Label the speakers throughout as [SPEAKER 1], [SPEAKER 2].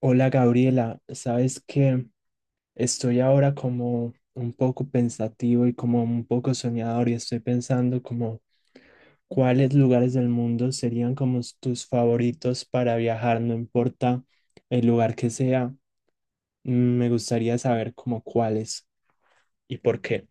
[SPEAKER 1] Hola Gabriela, sabes que estoy ahora como un poco pensativo y como un poco soñador y estoy pensando como cuáles lugares del mundo serían como tus favoritos para viajar, no importa el lugar que sea, mm, me gustaría saber como cuáles y por qué.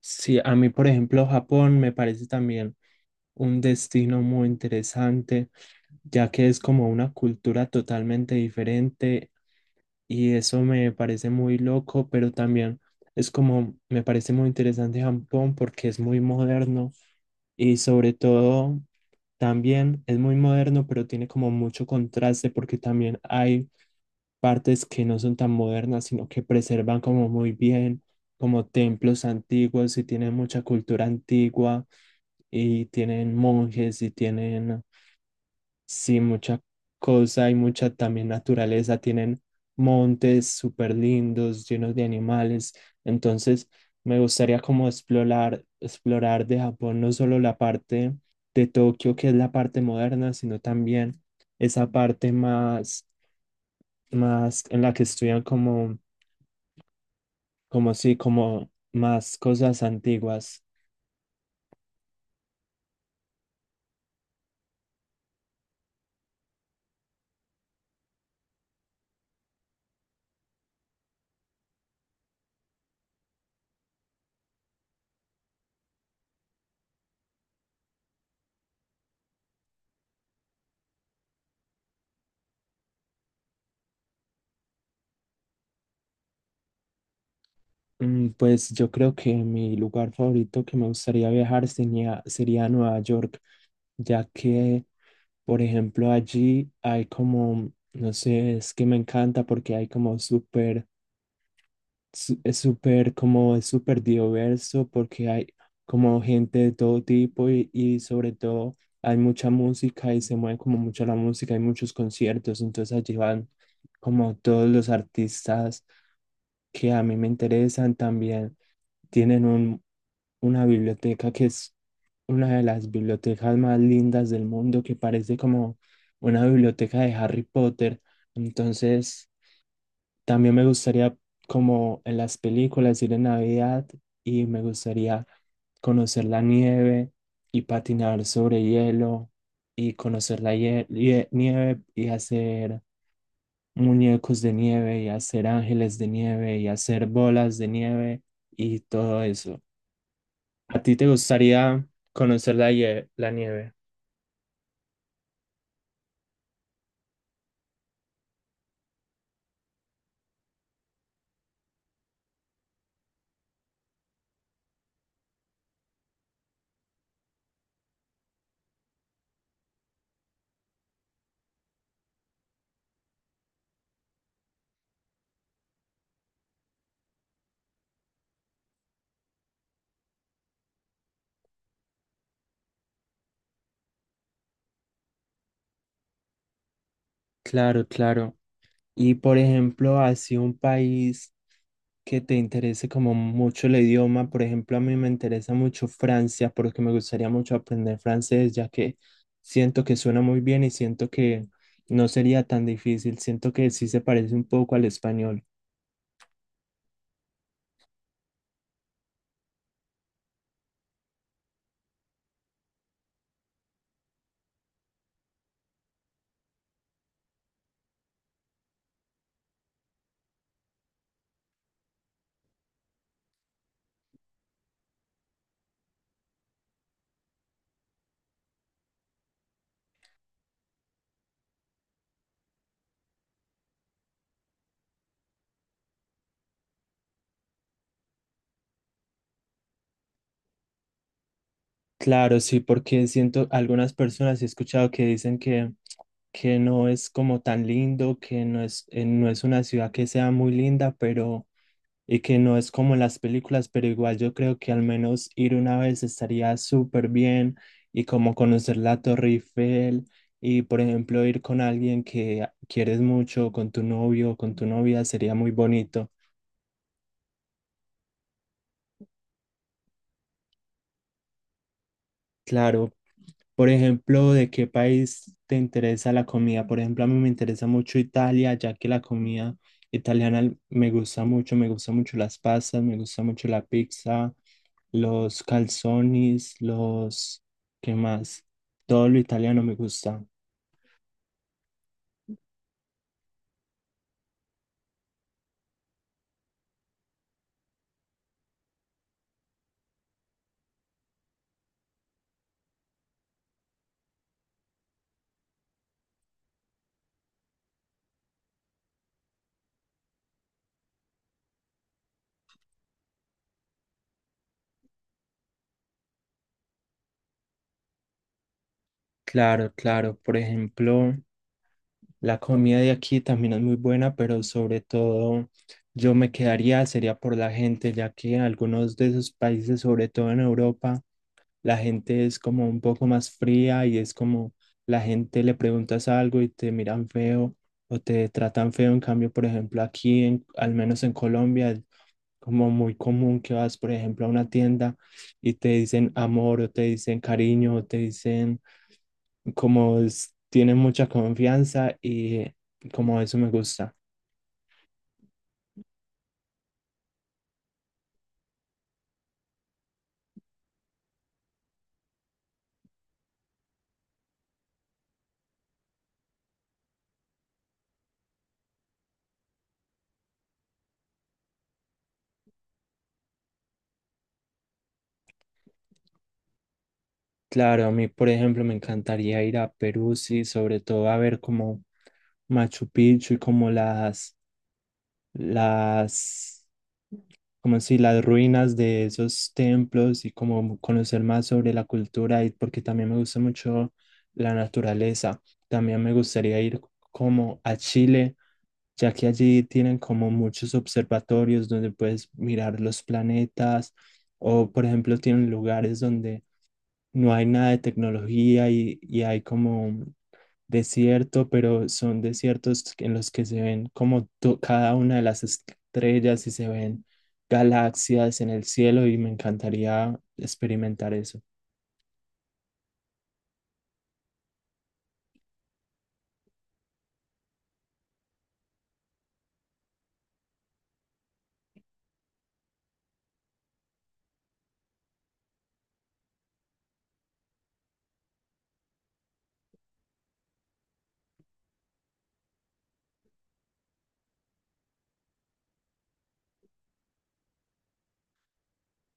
[SPEAKER 1] Sí, a mí por ejemplo Japón me parece también un destino muy interesante, ya que es como una cultura totalmente diferente y eso me parece muy loco, pero también es como, me parece muy interesante Japón porque es muy moderno y sobre todo también es muy moderno, pero tiene como mucho contraste porque también hay partes que no son tan modernas, sino que preservan como muy bien, como templos antiguos y tienen mucha cultura antigua y tienen monjes y tienen, sí, mucha cosa y mucha también naturaleza. Tienen montes súper lindos, llenos de animales. Entonces, me gustaría como explorar de Japón no solo la parte de Tokio, que es la parte moderna, sino también esa parte más, más en la que estudian como, como sí, como más cosas antiguas. Pues yo creo que mi lugar favorito que me gustaría viajar sería Nueva York, ya que, por ejemplo, allí hay como, no sé, es que me encanta porque hay como súper, es súper, como es súper diverso porque hay como gente de todo tipo y sobre todo hay mucha música y se mueve como mucho la música, hay muchos conciertos, entonces allí van como todos los artistas que a mí me interesan también, tienen un, una biblioteca que es una de las bibliotecas más lindas del mundo, que parece como una biblioteca de Harry Potter. Entonces, también me gustaría, como en las películas, ir en Navidad y me gustaría conocer la nieve y patinar sobre hielo y conocer la nieve y hacer muñecos de nieve y hacer ángeles de nieve y hacer bolas de nieve y todo eso. ¿A ti te gustaría conocer la, la nieve? Claro, claro. Y por ejemplo, así un país que te interese como mucho el idioma, por ejemplo, a mí me interesa mucho Francia porque me gustaría mucho aprender francés, ya que siento que suena muy bien y siento que no sería tan difícil, siento que sí se parece un poco al español. Claro, sí, porque siento algunas personas he escuchado que dicen que no es como tan lindo, que no es, no es una ciudad que sea muy linda, pero y que no es como en las películas, pero igual yo creo que al menos ir una vez estaría súper bien y como conocer la Torre Eiffel y por ejemplo ir con alguien que quieres mucho, con tu novio o con tu novia, sería muy bonito. Claro, por ejemplo, ¿de qué país te interesa la comida? Por ejemplo, a mí me interesa mucho Italia, ya que la comida italiana me gusta mucho las pastas, me gusta mucho la pizza, los calzones, los... ¿Qué más? Todo lo italiano me gusta. Claro, claro. Por ejemplo, la comida de aquí también es muy buena, pero sobre todo yo me quedaría, sería por la gente, ya que algunos de esos países, sobre todo en Europa, la gente es como un poco más fría y es como la gente le preguntas algo y te miran feo o te tratan feo. En cambio, por ejemplo, aquí, al menos en Colombia, es como muy común que vas, por ejemplo, a una tienda y te dicen amor o te dicen cariño o te dicen como tiene mucha confianza y como eso me gusta. Claro, a mí, por ejemplo, me encantaría ir a Perú, sí, sobre todo a ver como Machu Picchu y como las, como si las ruinas de esos templos y como conocer más sobre la cultura y porque también me gusta mucho la naturaleza. También me gustaría ir como a Chile, ya que allí tienen como muchos observatorios donde puedes mirar los planetas o por ejemplo tienen lugares donde no hay nada de tecnología y hay como desierto, pero son desiertos en los que se ven como cada una de las estrellas y se ven galaxias en el cielo y me encantaría experimentar eso.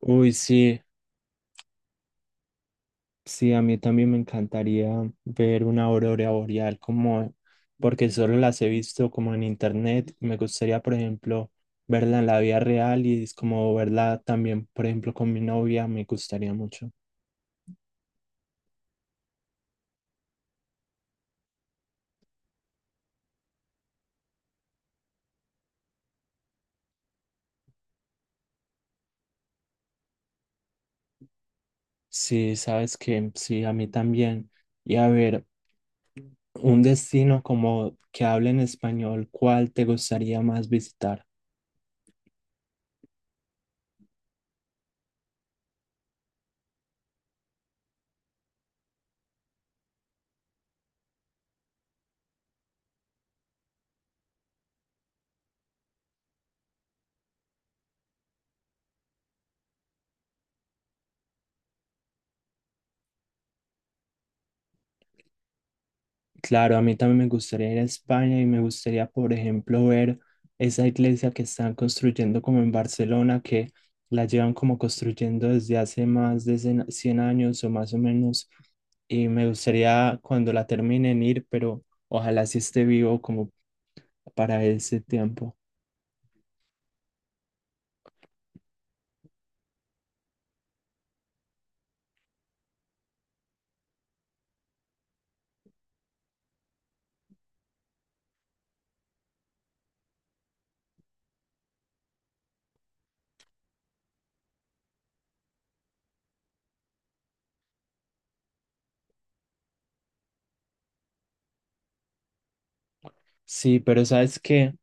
[SPEAKER 1] Uy, sí. Sí, a mí también me encantaría ver una aurora boreal como, porque solo las he visto como en internet. Me gustaría, por ejemplo, verla en la vida real y es como verla también, por ejemplo, con mi novia, me gustaría mucho. Sí, sabes que sí, a mí también. Y a ver, un destino como que hable en español, ¿cuál te gustaría más visitar? Claro, a mí también me gustaría ir a España y me gustaría, por ejemplo, ver esa iglesia que están construyendo como en Barcelona, que la llevan como construyendo desde hace más de 100 años o más o menos. Y me gustaría cuando la terminen ir, pero ojalá sí esté vivo como para ese tiempo. Sí, pero sabes que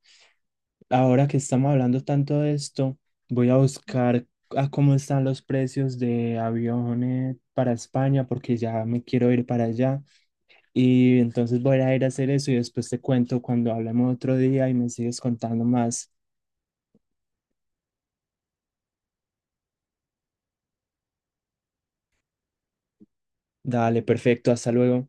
[SPEAKER 1] ahora que estamos hablando tanto de esto, voy a buscar a cómo están los precios de aviones para España porque ya me quiero ir para allá. Y entonces voy a ir a hacer eso y después te cuento cuando hablemos otro día y me sigues contando más. Dale, perfecto, hasta luego.